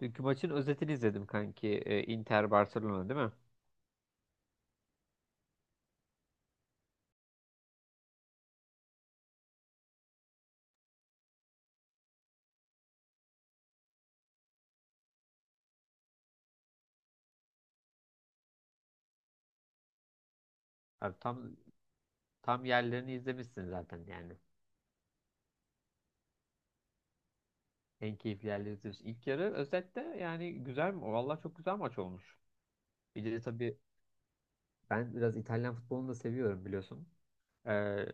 Dünkü maçın özetini izledim kanki. Inter Barcelona değil mi? Abi tam yerlerini izlemişsin zaten yani. En keyifli yerleri izlemişsin. İlk yarı özette yani güzel mi? Vallahi çok güzel maç olmuş. Bir de tabii ben biraz İtalyan futbolunu da seviyorum biliyorsun. Ee,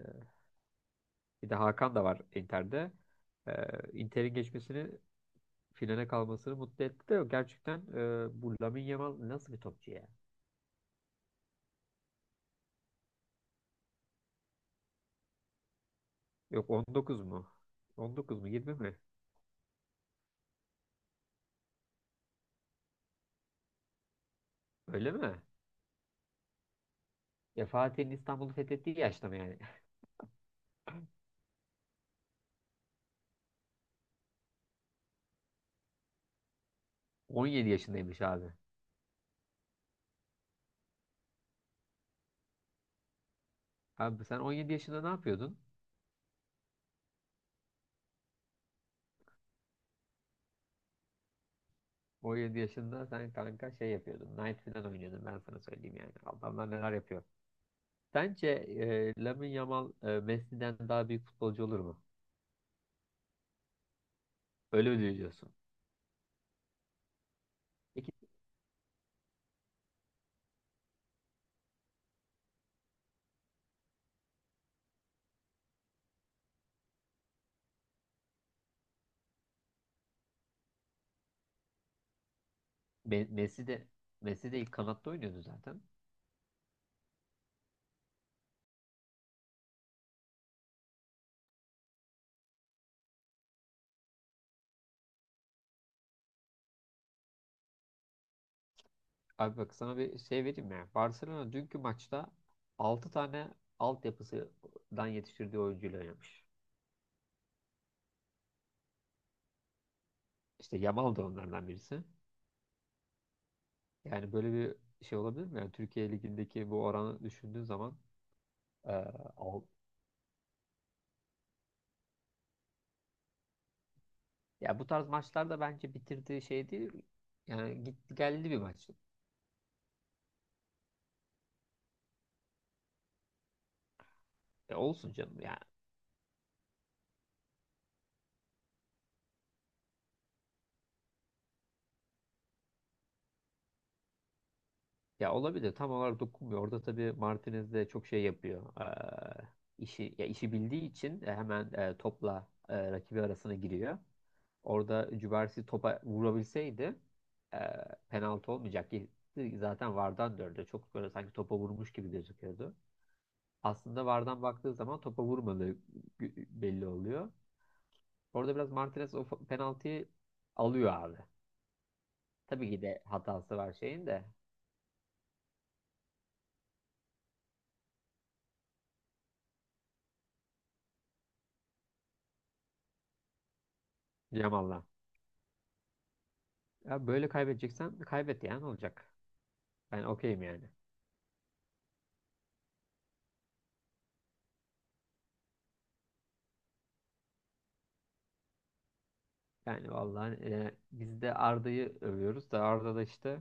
bir de Hakan da var Inter'de. Ee, Inter'in geçmesini finale kalmasını mutlu etti de gerçekten bu Lamine Yamal nasıl bir topçu ya? Yok 19 mu? 19 mu 20 mi? Öyle mi? Ya Fatih'in İstanbul'u fethettiği yaşta mı yani? 17 yaşındaymış abi. Abi sen 17 yaşında ne yapıyordun? 17 yaşında sen kanka şey yapıyordun. Knight falan oynuyordun ben sana söyleyeyim yani. Adamlar neler yapıyor. Sence Lamine Yamal Messi'den daha büyük futbolcu olur mu? Öyle mi diyorsun? Peki Me- Messi de Messi de ilk kanatta oynuyordu zaten. Abi bak sana bir şey vereyim ya. Barcelona dünkü maçta 6 tane altyapısından yetiştirdiği oyuncuyla oynamış. İşte Yamal da onlardan birisi. Yani böyle bir şey olabilir mi? Yani Türkiye Ligi'ndeki bu oranı düşündüğün zaman e, al- ya bu tarz maçlarda bence bitirdiği şey değil. Yani gitti geldi bir maç. Olsun canım yani. Ya olabilir. Tam olarak dokunmuyor. Orada tabii Martinez de çok şey yapıyor. İşi ya işi bildiği için hemen topla rakibi arasına giriyor. Orada Cubarsi topa vurabilseydi e, penaltı olmayacak. Zaten VAR'dan döndü. Çok böyle sanki topa vurmuş gibi gözüküyordu. Aslında VAR'dan baktığı zaman topa vurmadığı belli oluyor. Orada biraz Martinez o penaltıyı alıyor abi. Tabii ki de hatası var şeyin de. Yamal'la. Ya böyle kaybedeceksen kaybet yani olacak. Ben okeyim yani. Yani vallahi biz de Arda'yı övüyoruz da Arda da işte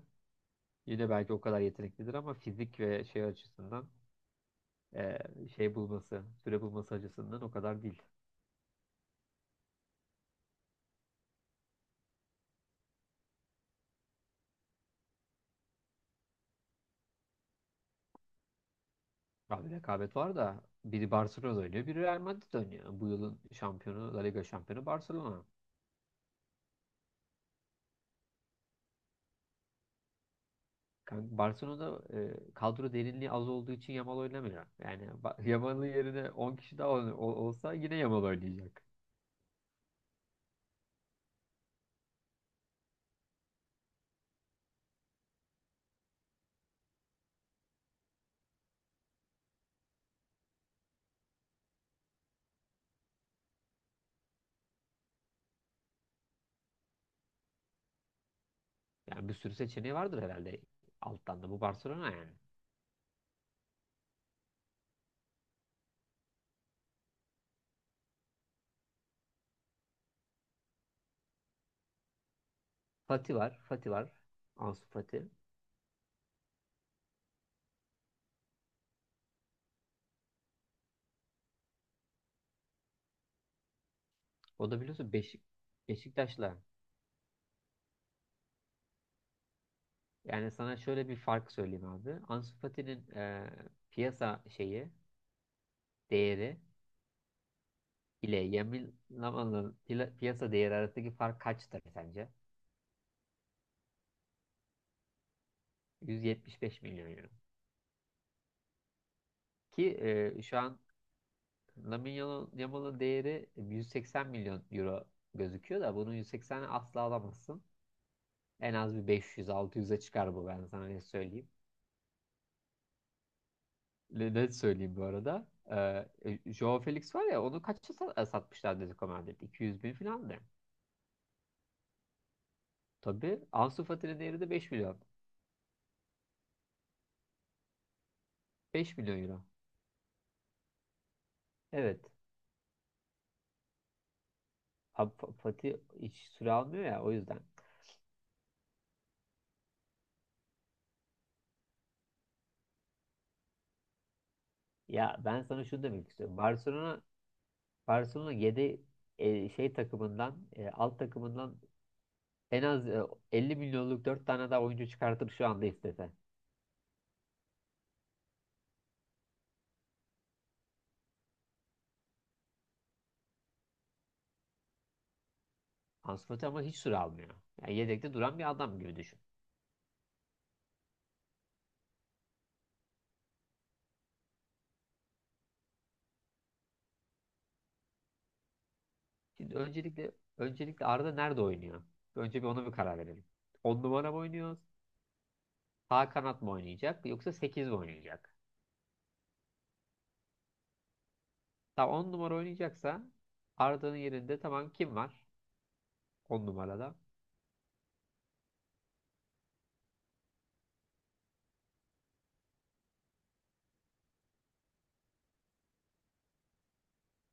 yine belki o kadar yeteneklidir ama fizik ve şey açısından e, şey bulması, süre bulması açısından o kadar değil. Abi rekabet var da biri Barcelona oynuyor, biri Real Madrid oynuyor. Bu yılın şampiyonu, La Liga şampiyonu Barcelona. Barcelona'da kadro derinliği az olduğu için Yamal oynamıyor. Yani Yamal'ın yerine 10 kişi daha olsa yine Yamal oynayacak. Yani bir sürü seçeneği vardır herhalde alttan da bu Barcelona yani. Fati var, Fati var. Ansu Fati. O da biliyorsun Beşiktaş'la. Yani sana şöyle bir fark söyleyeyim abi. Ansu Fati'nin piyasa şeyi, değeri ile Yamil Lama'nın piyasa değeri arasındaki fark kaçtır sence? 175 milyon euro. Ki şu an Lamine Yamal'ın değeri 180 milyon euro gözüküyor da bunun 180'i asla alamazsın. En az bir 500-600'e çıkar bu ben sana ne söyleyeyim. Ne söyleyeyim bu arada? Joao Felix var ya onu kaça satmışlar Atletico Madrid? 200 bin falan da. Tabii Ansu Fati'nin değeri de 5 milyon. 5 milyon euro. Evet. Abi Fatih hiç süre almıyor ya o yüzden. Ya ben sana şunu demek istiyorum. Barcelona 7 şey takımından alt takımından en az 50 milyonluk 4 tane daha oyuncu çıkartır şu anda istese. Ansu Fati ama hiç süre almıyor. Yani yedekte duran bir adam gibi düşün. Şimdi öncelikle Arda nerede oynuyor? Önce bir ona bir karar verelim. 10 numara mı oynuyor? Sağ kanat mı oynayacak yoksa 8 mi oynayacak? Tamam 10 numara oynayacaksa Arda'nın yerinde tamam kim var 10 numarada?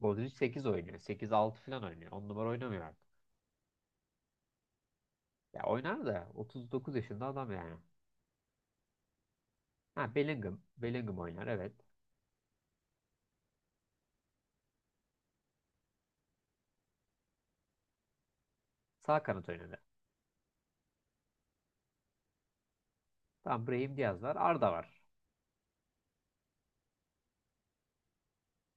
Modric 8 oynuyor. Sekiz altı falan oynuyor. On numara oynamıyor. Ya oynar da 39 yaşında adam yani. Ha Bellingham. Bellingham oynar evet. Sağ kanat oynadı. Tamam Brahim Diaz var. Arda var.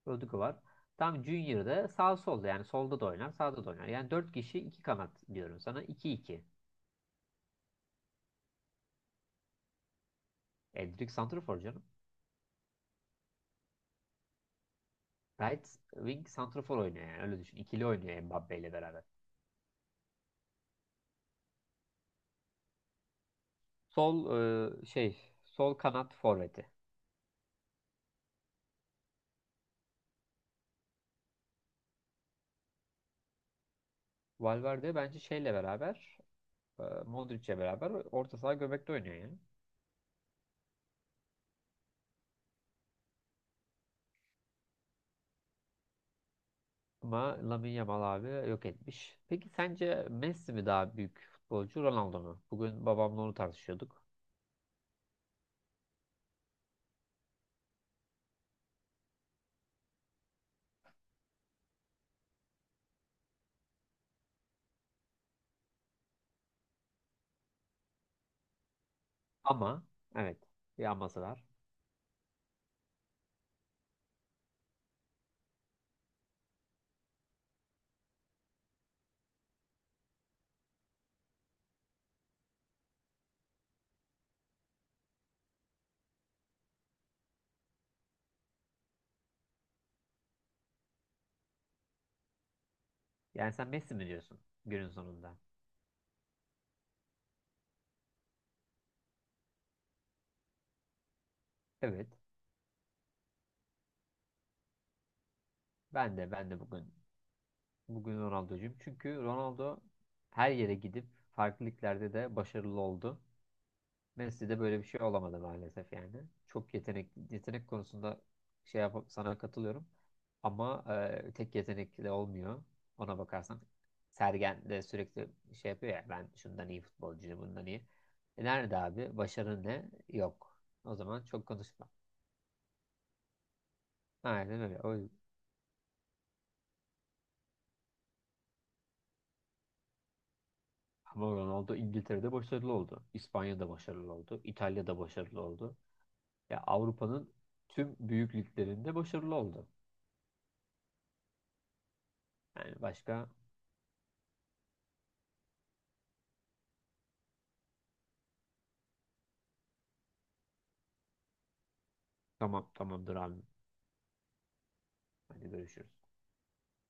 Rodrigo var. Tam Junior'da sağ solda yani solda da oynar sağda da oynar. Yani 4 kişi iki kanat diyorum sana iki iki. Endrick santrafor canım. Right wing santrafor oynuyor yani öyle düşün. İkili oynuyor Mbappe ile beraber. Sol e, şey sol kanat forveti. Valverde bence şeyle beraber Modric'le beraber orta saha göbekte oynuyor yani. Ama Lamine Yamal abi yok etmiş. Peki sence Messi mi daha büyük futbolcu Ronaldo mu? Bugün babamla onu tartışıyorduk. Ama evet bir aması var. Yani sen Messi mi diyorsun günün sonunda? Evet ben de bugün Ronaldo'cuyum. Çünkü Ronaldo her yere gidip farklı liglerde de başarılı oldu. Messi'de böyle bir şey olamadı maalesef yani. Çok yetenek konusunda şey yap sana katılıyorum. Ama tek yetenek de olmuyor. Ona bakarsan Sergen de sürekli şey yapıyor ya ben şundan iyi futbolcuyum, bundan iyi. E nerede abi? Başarın ne? Yok. O zaman çok konuşma. Aynen öyle. O, ama Ronaldo İngiltere'de başarılı oldu. İspanya'da başarılı oldu. İtalya'da başarılı oldu. Ya Avrupa'nın tüm büyük liglerinde başarılı oldu. Yani başka. Tamam, tamamdır abi. Hadi görüşürüz.